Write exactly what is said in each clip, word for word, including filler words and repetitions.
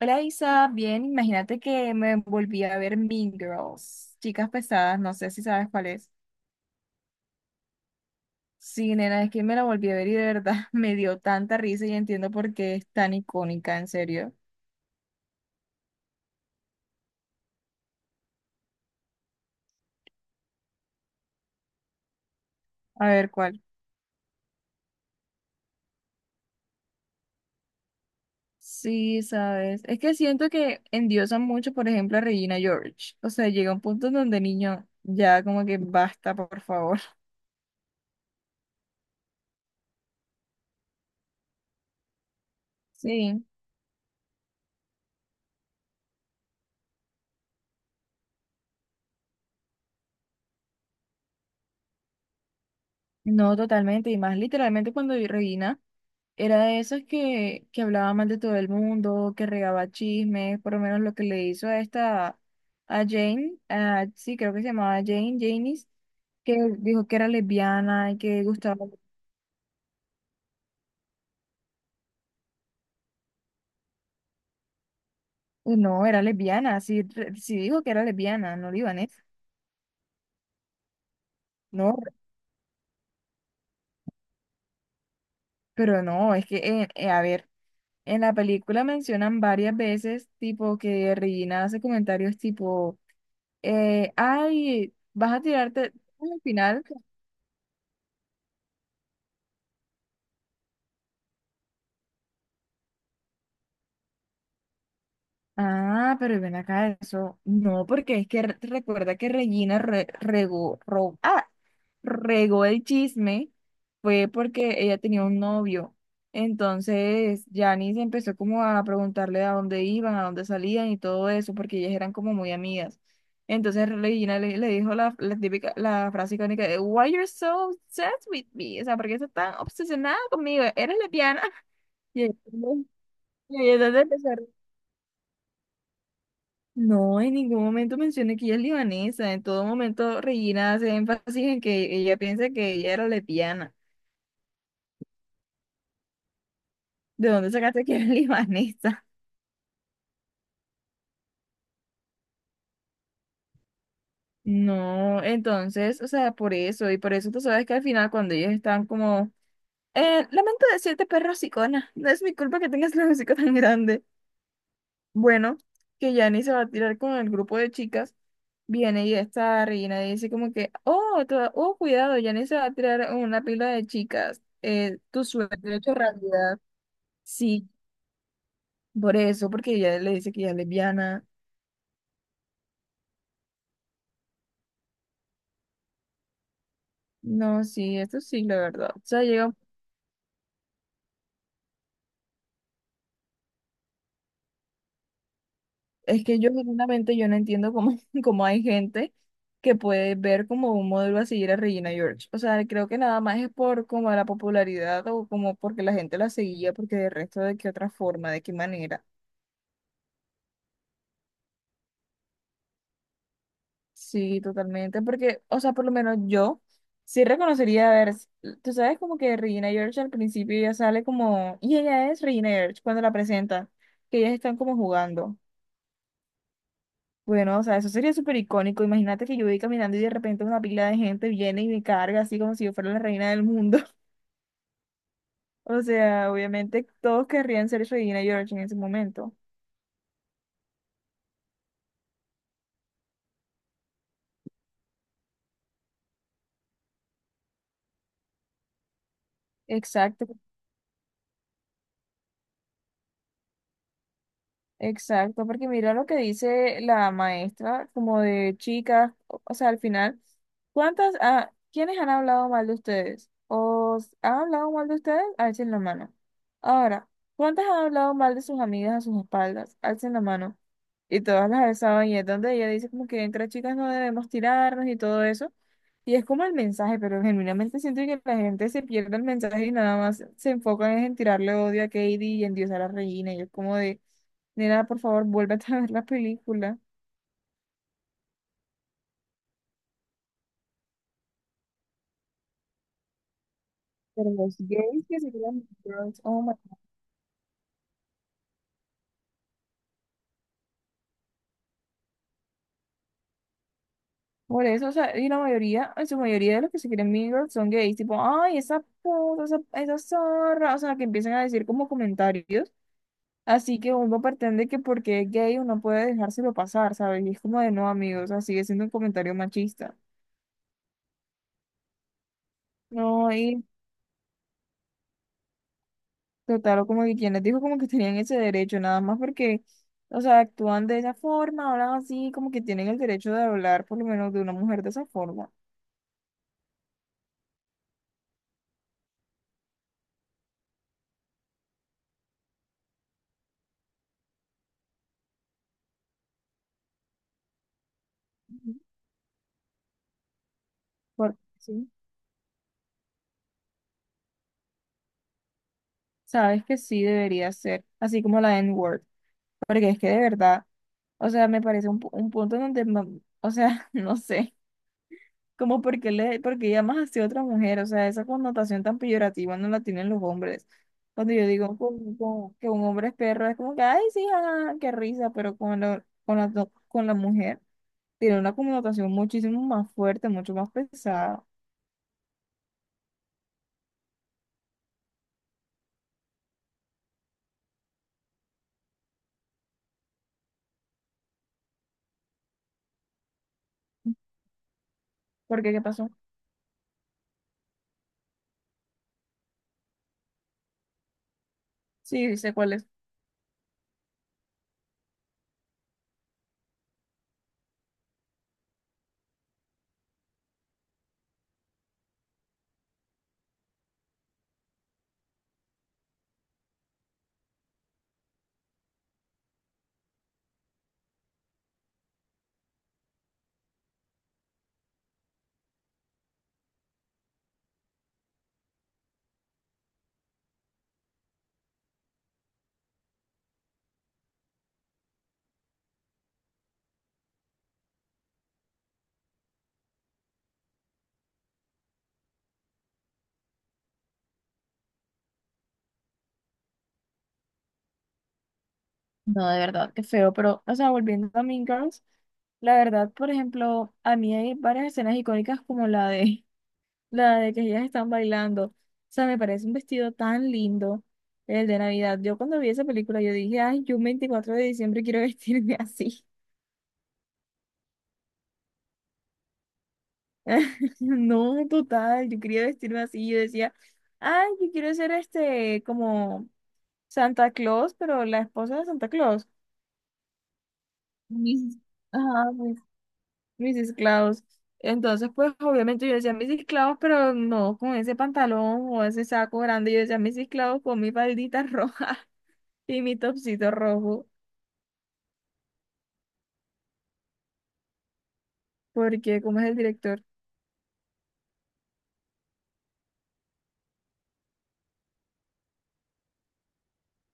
Hola Isa, bien, imagínate que me volví a ver Mean Girls, Chicas Pesadas, no sé si sabes cuál es. Sí, nena, es que me la volví a ver y de verdad me dio tanta risa y entiendo por qué es tan icónica, en serio. A ver cuál. Sí, sabes, es que siento que endiosan mucho, por ejemplo, a Regina George. O sea, llega un punto en donde niño, ya como que basta, por favor. Sí, no totalmente, y más literalmente cuando vi Regina. Era de esos que, que hablaba mal de todo el mundo, que regaba chismes, por lo menos lo que le hizo a esta, a Jane, a- sí, creo que se llamaba Jane, Janice, que dijo que era lesbiana y que gustaba. Uy, No, era lesbiana, sí, re- sí dijo que era lesbiana, no digo eso. No, pero no, es que, eh, eh, a ver, en la película mencionan varias veces, tipo, que Regina hace comentarios tipo, eh, ay, vas a tirarte al final. Ah, pero ven acá eso. No, porque es que re- recuerda que Regina re- regó, ro- ah, regó el chisme, fue porque ella tenía un novio. Entonces, Janice empezó como a preguntarle a dónde iban, a dónde salían y todo eso, porque ellas eran como muy amigas. Entonces Regina le, le dijo la, la típica, la frase icónica de Why you're so obsessed with me? O sea, ¿por qué estás tan obsesionada conmigo? ¿Eres lesbiana? Y ella- y ella entonces empezó a reír. No, en ningún momento mencioné que ella es libanesa. En todo momento Regina hace énfasis en que ella piensa que ella era lesbiana. ¿De dónde sacaste que era libanesa? No, entonces, o sea, por eso, y por eso tú sabes que al final cuando ellos están como, eh, lamento decirte, perro hocicona, no es mi culpa que tengas el hocico tan grande. Bueno, que Yanni se va a tirar con el grupo de chicas. Viene y esta reina dice como que, oh, to- oh, cuidado, Janice se va a tirar una pila de chicas. Eh, tu suerte hecho realidad. Sí, por eso, porque ella le dice que ella es lesbiana. No, sí, esto sí, la verdad. O sea, llega, es que yo genuinamente yo no entiendo cómo, cómo hay gente que puede ver como un modelo a seguir a Regina George. O sea, creo que nada más es por como la popularidad o como porque la gente la seguía, porque de resto de qué otra forma, de qué manera. Sí, totalmente, porque, o sea, por lo menos yo sí reconocería, a ver, s- tú sabes como que Regina George al principio ya sale como, y ella es Regina George cuando la presenta, que ellas están como jugando. Bueno, o sea, eso sería súper icónico. Imagínate que yo voy caminando y de repente una pila de gente viene y me carga así como si yo fuera la reina del mundo. O sea, obviamente todos querrían ser Regina George en ese momento. Exacto, Exacto, porque mira lo que dice la maestra, como de chicas, o o sea, al final, ¿cuántas, ah, quiénes han hablado mal de ustedes? ¿O s- han hablado mal de ustedes? Alcen la mano. Ahora, ¿cuántas han hablado mal de sus amigas a sus espaldas? Alcen la mano. Y todas las alzaban y es donde ella dice como que entre chicas no debemos tirarnos y todo eso. Y es como el mensaje, pero genuinamente siento que la gente se pierde el mensaje y nada más se enfocan es en tirarle odio a Katie y en diosar a Regina. Y es como de, nena, por favor, vuélvete a ver la película. Pero los gays que se quieren Mean Girls, oh my. Por eso, o sea, y la mayoría, en su mayoría de los que se quieren Mean Girls son gays, tipo, ay, esa puta, esa, esa zorra, o sea, que empiezan a decir como comentarios. Así que uno pretende que porque es gay uno puede dejárselo pasar, ¿sabes? Y es como de no, amigos, o sea, sigue siendo un comentario machista. No, y total, o como que quien les dijo como que tenían ese derecho, nada más porque, o sea, actúan de esa forma, hablan así, como que tienen el derecho de hablar por lo menos de una mujer de esa forma. Porque sí, sabes que sí debería ser, así como la N-word, porque es que de verdad, o sea, me parece un, pu- un punto donde, ma- o sea, no sé. Como porque le, porque llamas así a otra mujer, o sea, esa connotación tan peyorativa no la tienen los hombres. Cuando yo digo como- como que un hombre es perro, es como que, ay, sí, ah, qué risa, pero con la, con la, do- con la mujer tiene una connotación muchísimo más fuerte, mucho más pesada. ¿Por qué? ¿Qué pasó? Sí, sé cuál es. No, de verdad, qué feo, pero, o sea, volviendo a Mean Girls, la verdad, por ejemplo, a mí hay varias escenas icónicas como la de La de que ellas están bailando. O sea, me parece un vestido tan lindo, el de Navidad. Yo cuando vi esa película, yo dije, ay, yo un veinticuatro de diciembre quiero vestirme así. No, total, yo quería vestirme así. Yo decía, ay, yo quiero ser este, como Santa Claus, pero la esposa de Santa Claus. Mis, ajá, pues, misis Claus. Entonces, pues, obviamente yo decía misis Claus, pero no con ese pantalón o ese saco grande. Yo decía misis Claus con mi faldita roja. Y mi topsito rojo, porque como es el director,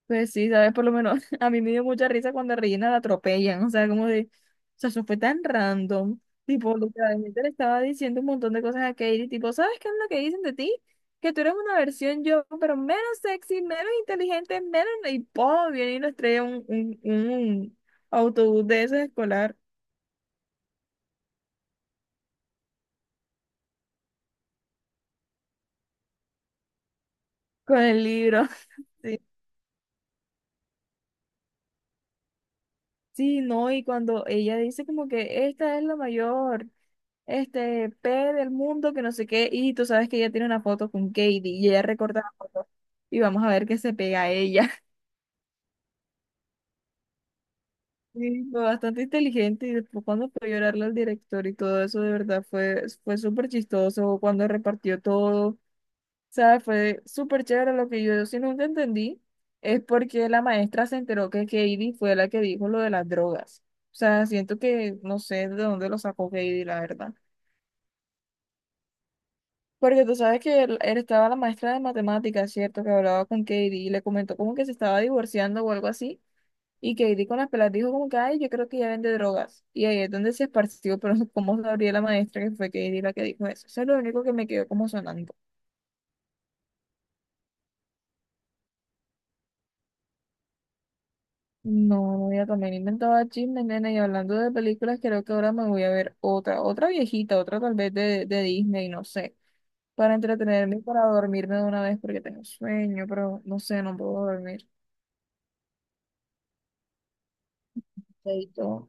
pues sí, sabes, por lo menos a mí me dio mucha risa cuando a Regina la atropellan, o sea, como de, o sea, eso fue tan random, tipo, literalmente le estaba diciendo un montón de cosas a Katie, tipo, ¿sabes qué es lo que dicen de ti? Que tú eres una versión yo, pero menos sexy, menos inteligente, menos, y po, viene y nos trae un, un, un autobús de esos escolar con el libro, sí, sí, no, y cuando ella dice como que esta es la mayor. Este, P del mundo, que no sé qué, y tú sabes que ella tiene una foto con Katie y ella recorta la foto y vamos a ver qué se pega a ella. Sí, fue bastante inteligente y después cuando fue a llorarle al director y todo eso, de verdad fue, fue súper chistoso cuando repartió todo, o sea, fue súper chévere lo que yo, si nunca entendí, es porque la maestra se enteró que Katie fue la que dijo lo de las drogas. O sea, siento que no sé de dónde lo sacó Katie, la verdad. Porque tú sabes que él, él estaba la maestra de matemáticas, ¿cierto? Que hablaba con Katie y le comentó como que se estaba divorciando o algo así. Y Katie con las pelas dijo como que, ay, yo creo que ella vende drogas. Y ahí es donde se esparció, pero cómo sabría la maestra que fue Katie la que dijo eso. Eso es lo único que me quedó como sonando. No, ella también inventaba chismes, nena. Y hablando de películas, creo que ahora me voy a ver otra, otra viejita, otra tal vez de, de Disney, no sé. Para entretenerme y para dormirme de una vez porque tengo sueño, pero no sé, no puedo dormir. Chaito.